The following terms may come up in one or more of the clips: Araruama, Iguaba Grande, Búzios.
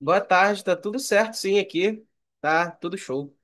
Boa tarde, tá tudo certo sim aqui. Tá tudo show.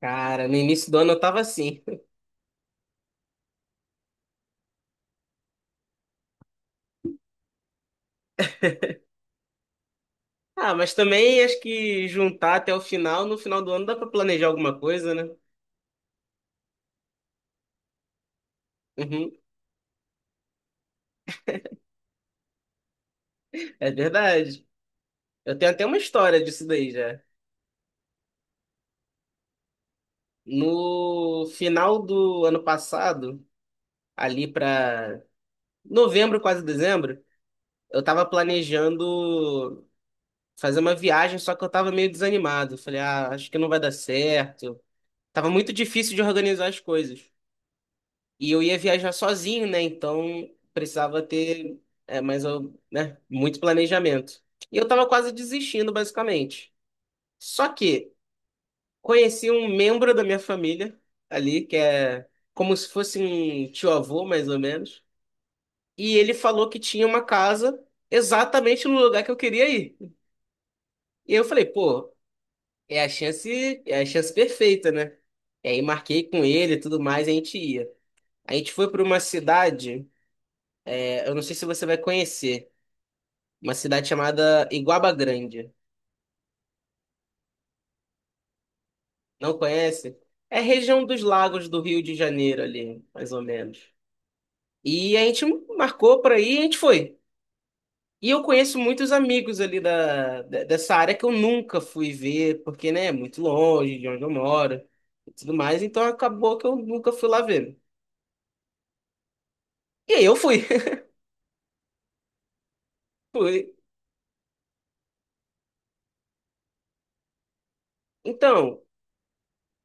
Cara, no início do ano eu tava assim. Ah, mas também acho que juntar até o final, no final do ano dá pra planejar alguma coisa, né? Uhum, é verdade. Eu tenho até uma história disso daí já. No final do ano passado, ali pra novembro, quase dezembro, eu tava planejando fazer uma viagem, só que eu tava meio desanimado. Falei, ah, acho que não vai dar certo. Tava muito difícil de organizar as coisas. E eu ia viajar sozinho, né? Então precisava ter né? Muito planejamento. E eu tava quase desistindo, basicamente. Só que conheci um membro da minha família ali, que é como se fosse um tio-avô, mais ou menos. E ele falou que tinha uma casa exatamente no lugar que eu queria ir. E eu falei, pô, é a chance perfeita, né? E aí marquei com ele e tudo mais, e a gente ia. A gente foi para uma cidade, é, eu não sei se você vai conhecer. Uma cidade chamada Iguaba Grande. Não conhece? É região dos lagos do Rio de Janeiro ali, mais ou menos. E a gente marcou para ir e a gente foi. E eu conheço muitos amigos ali dessa área que eu nunca fui ver, porque, né, é muito longe de onde eu moro e tudo mais, então acabou que eu nunca fui lá ver. E aí eu fui. Fui. Então,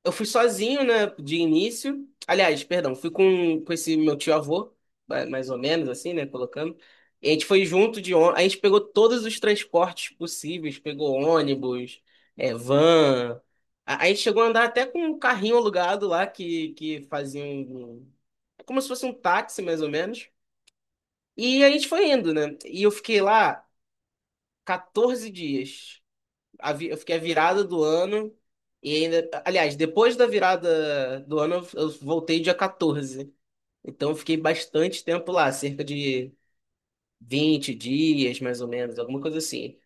eu fui sozinho, né, de início. Aliás, perdão, fui com esse meu tio-avô, mais ou menos assim, né, colocando. E a gente foi junto de ônibus, a gente pegou todos os transportes possíveis, pegou ônibus, é, van. A gente chegou a andar até com um carrinho alugado lá que fazia um, como se fosse um táxi, mais ou menos. E a gente foi indo, né? E eu fiquei lá 14 dias eu fiquei a virada do ano e ainda, aliás, depois da virada do ano eu voltei dia 14. Então eu fiquei bastante tempo lá, cerca de 20 dias mais ou menos, alguma coisa assim.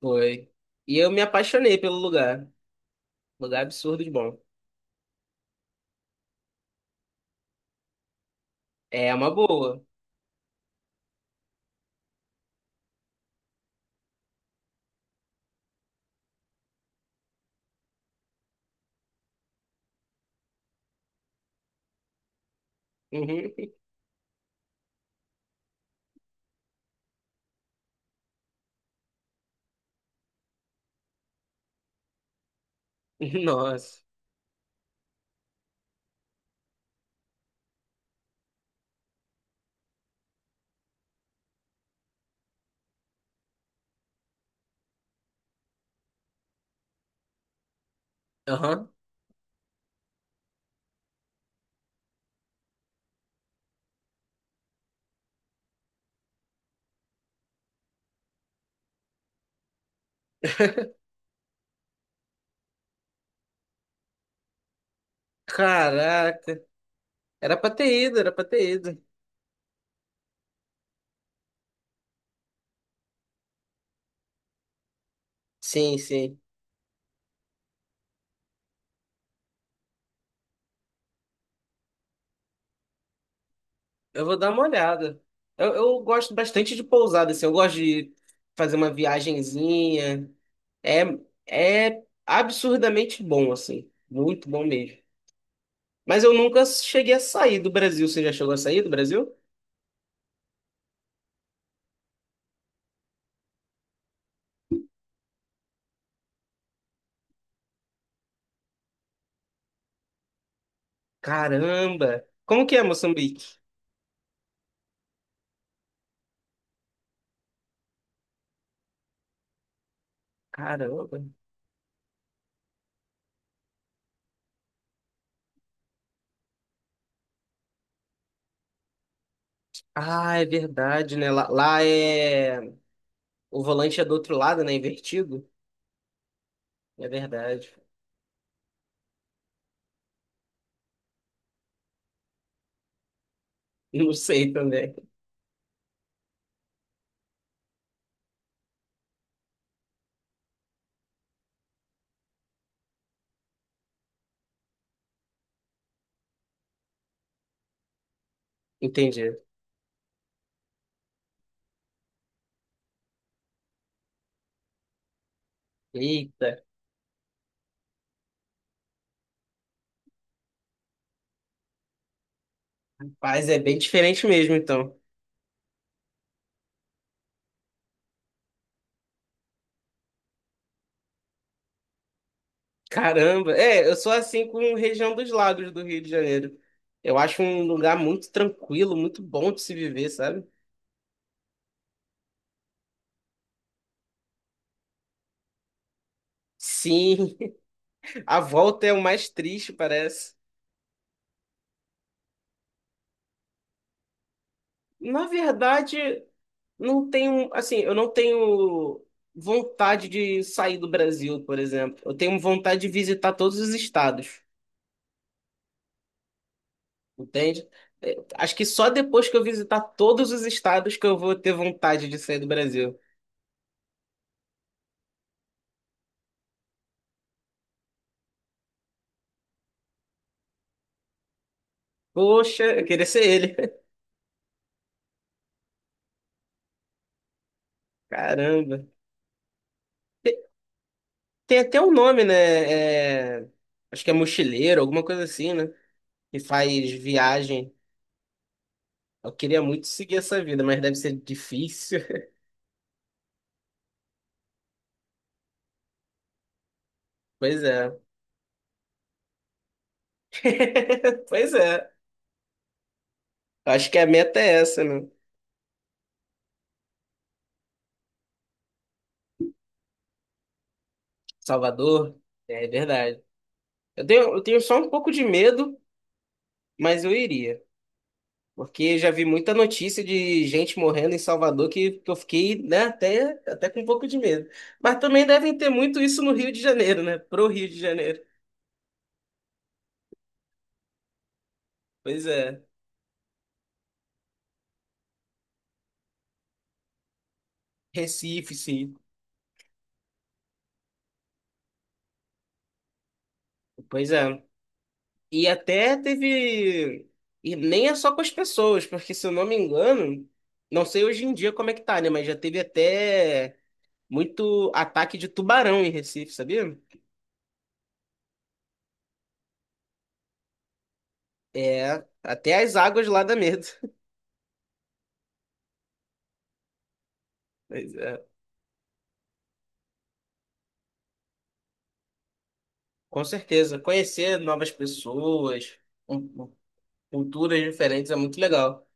Foi. E eu me apaixonei pelo lugar. Lugar absurdo de bom. É uma boa. Uhum. Nossa. Aham. Caraca. Era pra ter ido, era pra ter ido. Sim, sim. Eu vou dar uma olhada. Eu gosto bastante de pousada, assim. Eu gosto de fazer uma viagenzinha. É, é absurdamente bom, assim. Muito bom mesmo. Mas eu nunca cheguei a sair do Brasil. Você já chegou a sair do Brasil? Caramba! Como que é Moçambique? Caramba! Ah, é verdade, né? Lá, lá é... O volante é do outro lado, né? Invertido. É verdade. Não sei também. Entendi. Eita. Mas é bem diferente mesmo, então. Caramba, é, eu sou assim com região dos lagos do Rio de Janeiro. Eu acho um lugar muito tranquilo, muito bom de se viver, sabe? Sim, a volta é o mais triste, parece. Na verdade, não tenho, assim, eu não tenho vontade de sair do Brasil, por exemplo. Eu tenho vontade de visitar todos os estados, entende? É, acho que só depois que eu visitar todos os estados que eu vou ter vontade de sair do Brasil. Poxa, eu queria ser ele. Caramba. Tem até um nome, né? É, acho que é mochileiro, alguma coisa assim, né? Que faz viagem. Eu queria muito seguir essa vida, mas deve ser difícil. Pois é. Pois é. Acho que a meta é essa, né? Salvador, é verdade. Eu tenho só um pouco de medo, mas eu iria. Porque já vi muita notícia de gente morrendo em Salvador que eu fiquei, né, até, até com um pouco de medo. Mas também devem ter muito isso no Rio de Janeiro, né? Pro Rio de Janeiro. Pois é. Recife, sim. Pois é. E até teve. E nem é só com as pessoas, porque se eu não me engano, não sei hoje em dia como é que tá, né? Mas já teve até muito ataque de tubarão em Recife, sabia? É, até as águas lá dá medo. Mas, é, com certeza. Conhecer novas pessoas, um- um- culturas diferentes é muito legal.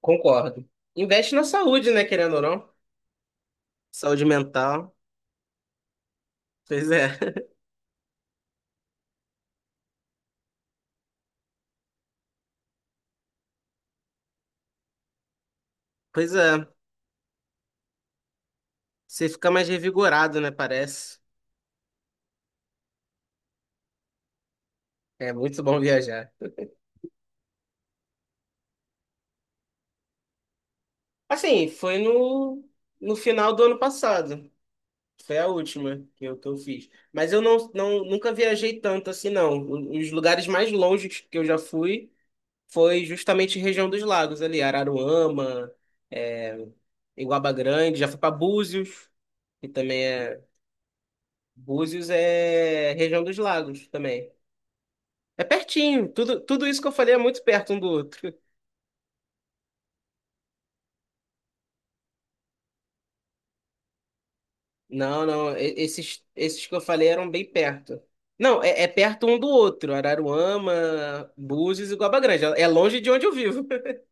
Concordo. Investe na saúde, né, querendo ou não? Saúde mental. Pois é. Pois é. Você fica mais revigorado, né? Parece. É muito bom viajar. Assim, foi no final do ano passado. Foi a última que eu fiz. Mas eu nunca viajei tanto assim, não. Os lugares mais longe que eu já fui foi justamente região dos lagos ali, Araruama, é, Iguaba Grande. Já fui para Búzios, que também é. Búzios é região dos lagos também. É pertinho. Tudo isso que eu falei é muito perto um do outro. Não, não. Esses, esses que eu falei eram bem perto. Não, é, é perto um do outro. Araruama, Búzios e Guaba Grande. É longe de onde eu vivo.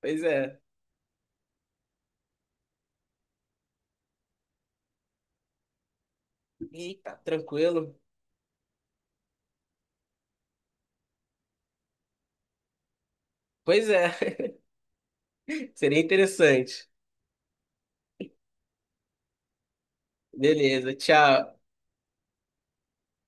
Pois é. Eita, tranquilo. Pois é. Seria interessante. Beleza, tchau.